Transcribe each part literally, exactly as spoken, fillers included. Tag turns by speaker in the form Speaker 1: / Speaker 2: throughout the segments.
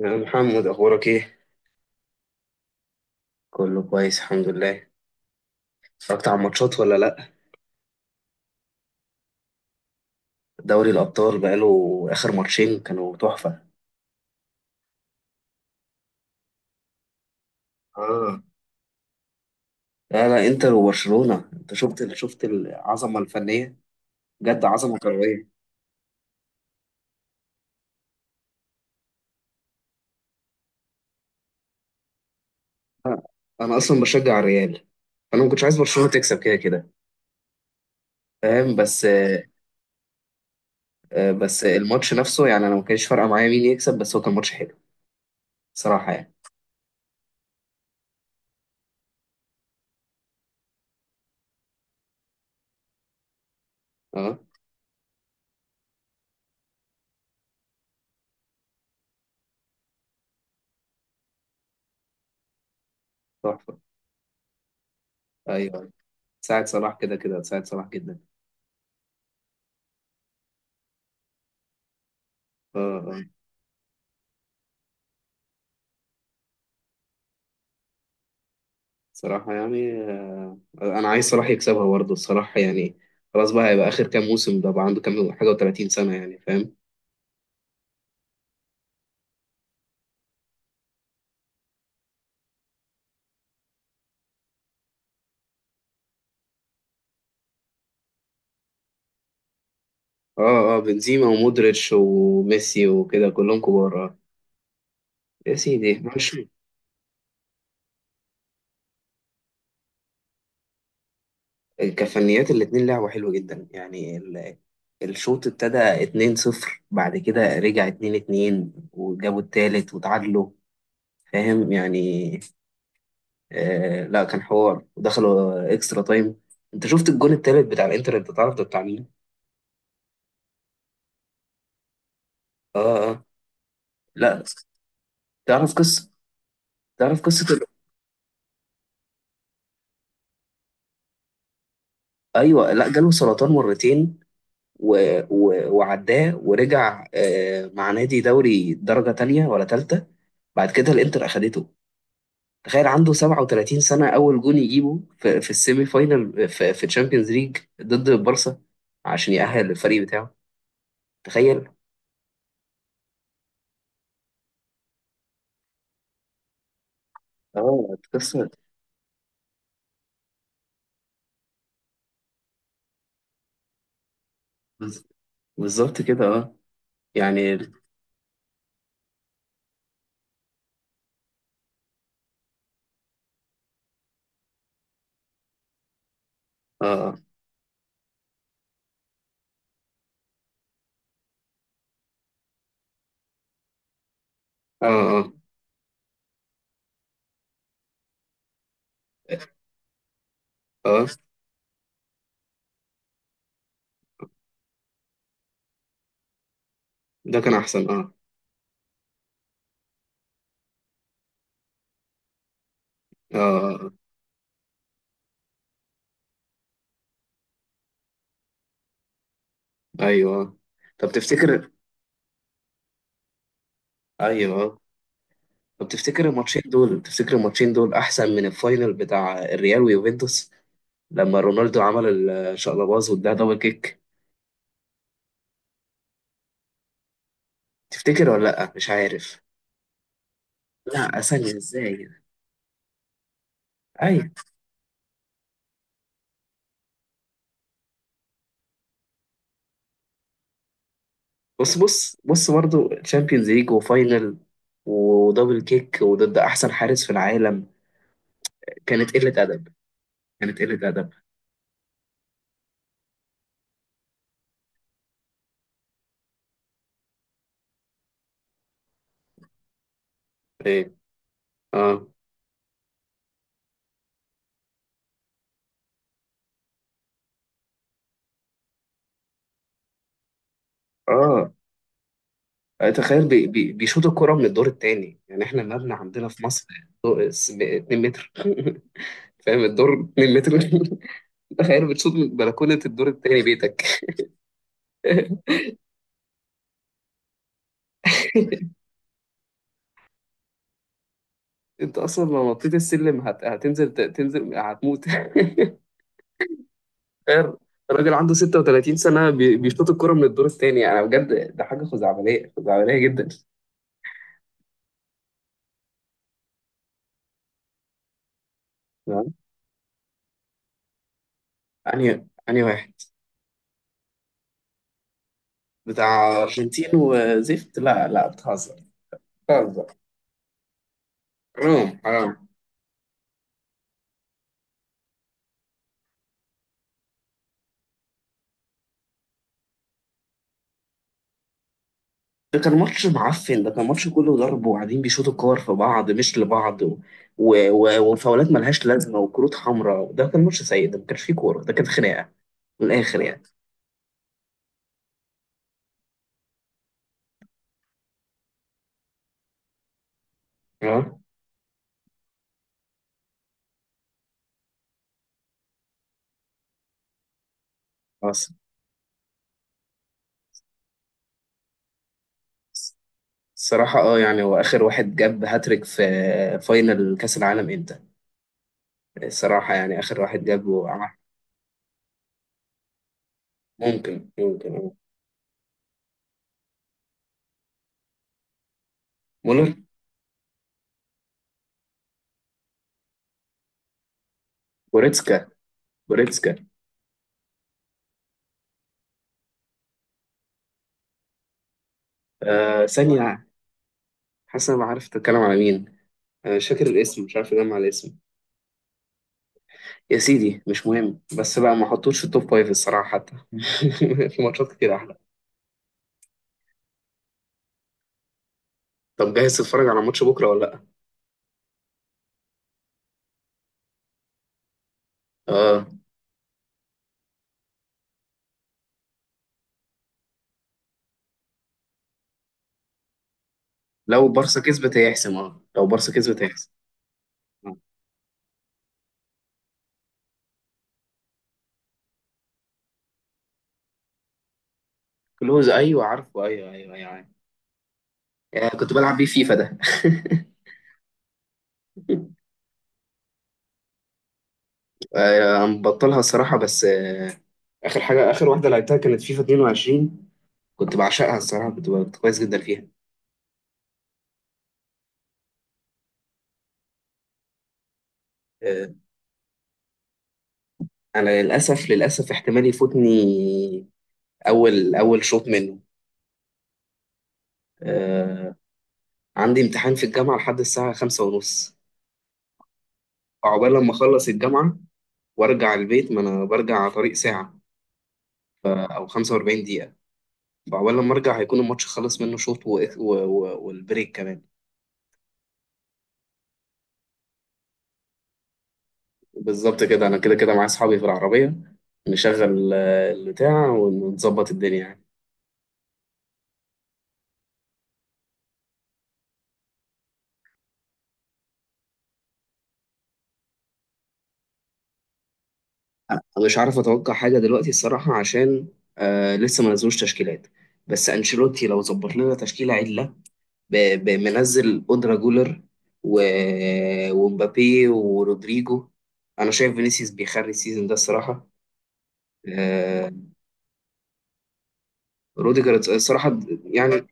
Speaker 1: يا محمد، اخبارك ايه؟ كله كويس الحمد لله. اتفرجت على الماتشات ولا لا؟ دوري الابطال بقاله. اخر ماتشين كانوا تحفه. اه. لا لا، انتر وبرشلونه. انت شفت ال- شفت العظمه الفنيه، بجد عظمه كرويه. آه، انا اصلا بشجع الريال. انا ما كنتش عايز برشلونه تكسب كده كده. فاهم؟ بس آه، بس الماتش نفسه، يعني انا ما كانش فارقه معايا مين يكسب، بس هو كان ماتش حلو. صراحه يعني. اه، تحفه. ايوه، ساعد صلاح كده كده، ساعد صلاح جدا. اه اه، صراحه يعني، انا عايز صلاح يكسبها برضه الصراحه يعني. خلاص بقى، هيبقى اخر كام موسم ده، بقى عنده كام حاجه وثلاثين سنه يعني. فاهم؟ اه اه، بنزيما ومودريتش وميسي وكده كلهم كبار. اه، يا سيدي ماشي. كفنيات، الاتنين لعبوا حلو جدا يعني. ال- الشوط ابتدى اتنين صفر، بعد كده رجع اتنين اتنين، وجابوا التالت وتعادلوا. فاهم يعني؟ آه لا، كان حوار ودخلوا اكسترا تايم. انت شفت الجون التالت بتاع الانتر؟ انت تعرف ده بتاع مين؟ اه اه. لا، تعرف قصة، تعرف قصة ال... أيوة، لا، جاله سرطان مرتين و... و... وعداه ورجع، آه، مع نادي دوري درجة تانية ولا تالتة. بعد كده الإنتر أخدته. تخيل، عنده سبعة وثلاثين سنة، أول جون يجيبه في, في السيمي فاينال، في, في تشامبيونز ليج ضد البارسا، عشان يأهل الفريق بتاعه. تخيل. اه، اتكسر. بز- بالظبط كده اه. يعني ال- اه اه. اه اه، ده كان أحسن اه. اه. آه. آه، أيوه. طب تفتكر، ايوه طب تفتكر الماتشين دول، تفتكر الماتشين دول احسن من الفاينل بتاع الريال ويوفنتوس لما رونالدو عمل الشقلباز واداها دبل كيك؟ تفتكر ولا لا؟ مش عارف. لا، اسانيا ازاي؟ اي، بص بص بص، برضه تشامبيونز ليج وفاينل ودبل كيك وضد احسن حارس في العالم. كانت قله ادب، كانت قله ادب. ايه؟ اه اه. تخيل، بي بي بيشوطوا الكرة من الدور التاني يعني. احنا المبنى عندنا في مصر، دو- س- اتنين متر متر فاهم؟ الدور مترين متر تخيل بتشوط من بلكونة الدور التاني بيتك انت اصلا لو نطيت السلم هت... هتنزل، ت- تنزل هتموت تخيل، راجل عنده ستة وتلاتين سنة بي- بيشوط الكرة من الدور التاني، يعني بجد ده حاجة خزعبلية، خزعبلية جدا. تمام. أنهي أنهي واحد؟ بتاع أرجنتين وزفت. لا لا، بتهزر، بتهزر. حرام، حرام. ده كان ماتش معفن، ده كان ماتش كله ضرب وقاعدين بيشوطوا كور في بعض مش لبعض، و... و... و... وفاولات ملهاش لازمه وكروت حمراء. ده كان ماتش سيء، ده ما كانش فيه كوره، ده كان خناقه من الاخر يعني. اه اه. الص- الصراحه اه، يعني هو اخر واحد جاب هاتريك في فاينل كاس العالم امتى؟ الصراحه يعني، اخر واحد جاب وعمل. ممكن ممكن آه. مولر؟ جوريتسكا؟ جوريتسكا؟ آه ثانيه، حاسس انا عارف تتكلم على مين، انا مش فاكر الاسم، مش عارف اجمع الاسم. يا سيدي مش مهم، بس بقى ما حطوش في التوب فايف الصراحة حتى في ماتشات كتير أحلى. طب جاهز تتفرج على ماتش بكرة ولا لأ؟ آه، لو بارسا كسبت هيحسم، اه لو بارسا كسبت هيحسم. آه. كلوز، أيوه عارفه، أيوه أيوه أيوه، أيوه. آه كنت بلعب بيه فيفا ده آه، مبطلها الصراحة بس آه. آخر حاجة، آخر واحدة لعبتها كانت فيفا اتنين وعشرين، كنت بعشقها الصراحة، كنت كنت كويس جدا فيها. آه، أنا للأسف، للأسف احتمال يفوتني أول أول شوط منه. آه، عندي امتحان في الجامعة لحد الساعة خمسة ونص. فعقبال لما أخلص الجامعة وأرجع البيت، ما أنا برجع على طريق ساعة أو خمسة وأربعين دقيقة. فعقبال لما أرجع هيكون الماتش خلص منه شوط و... و... و... والبريك كمان. بالظبط كده، أنا كده كده معايا أصحابي في العربية، نشغل آه، البتاع ونظبط الدنيا يعني. أنا مش عارف أتوقع حاجة دلوقتي الصراحة، عشان آه لسه ما نزلوش تشكيلات. بس أنشيلوتي لو ظبط لنا تشكيلة عدلة، ب- ب- منزل أودرا جولر و... ومبابي ورودريجو. أنا شايف فينيسيوس بيخري السيزون ده الصراحة. آه، روديجر الصراحة يعني.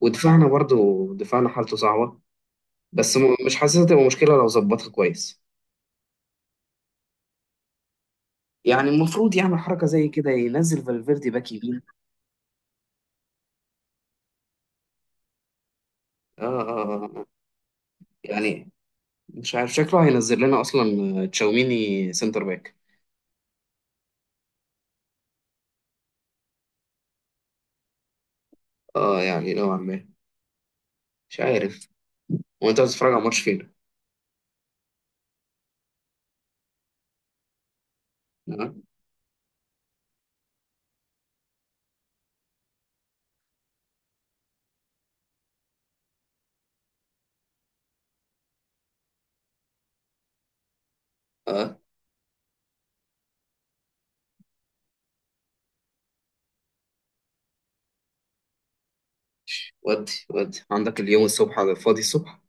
Speaker 1: ودفاعنا برضو، دفاعنا حالته صعبة، بس م- مش حاسسها تبقى مشكلة لو ظبطها كويس. يعني المفروض يعمل حركة زي كده، ينزل فالفيردي باك يمين. آه، آه، آه آه. يعني مش عارف شكله هينزل لنا أصلا، آه، تشاوميني سنتر باك. اه يعني نوعا ما، مش عارف. وانت بتتفرج على ماتش فين؟ آه. آه، ودي ودي عندك اليوم الصبح، على الفاضي الصبح.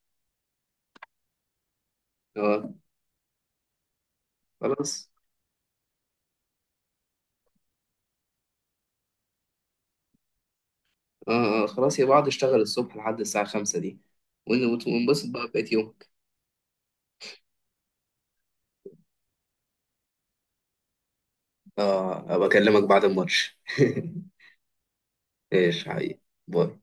Speaker 1: اه خلاص. اه اه خلاص، يا بعض اشتغل الصبح لحد الساعة خمسة دي، ون- وت- ونبسط بقى بقيت يومك. اه، ابقى اكلمك بعد الماتش ايش حقيقي. باي.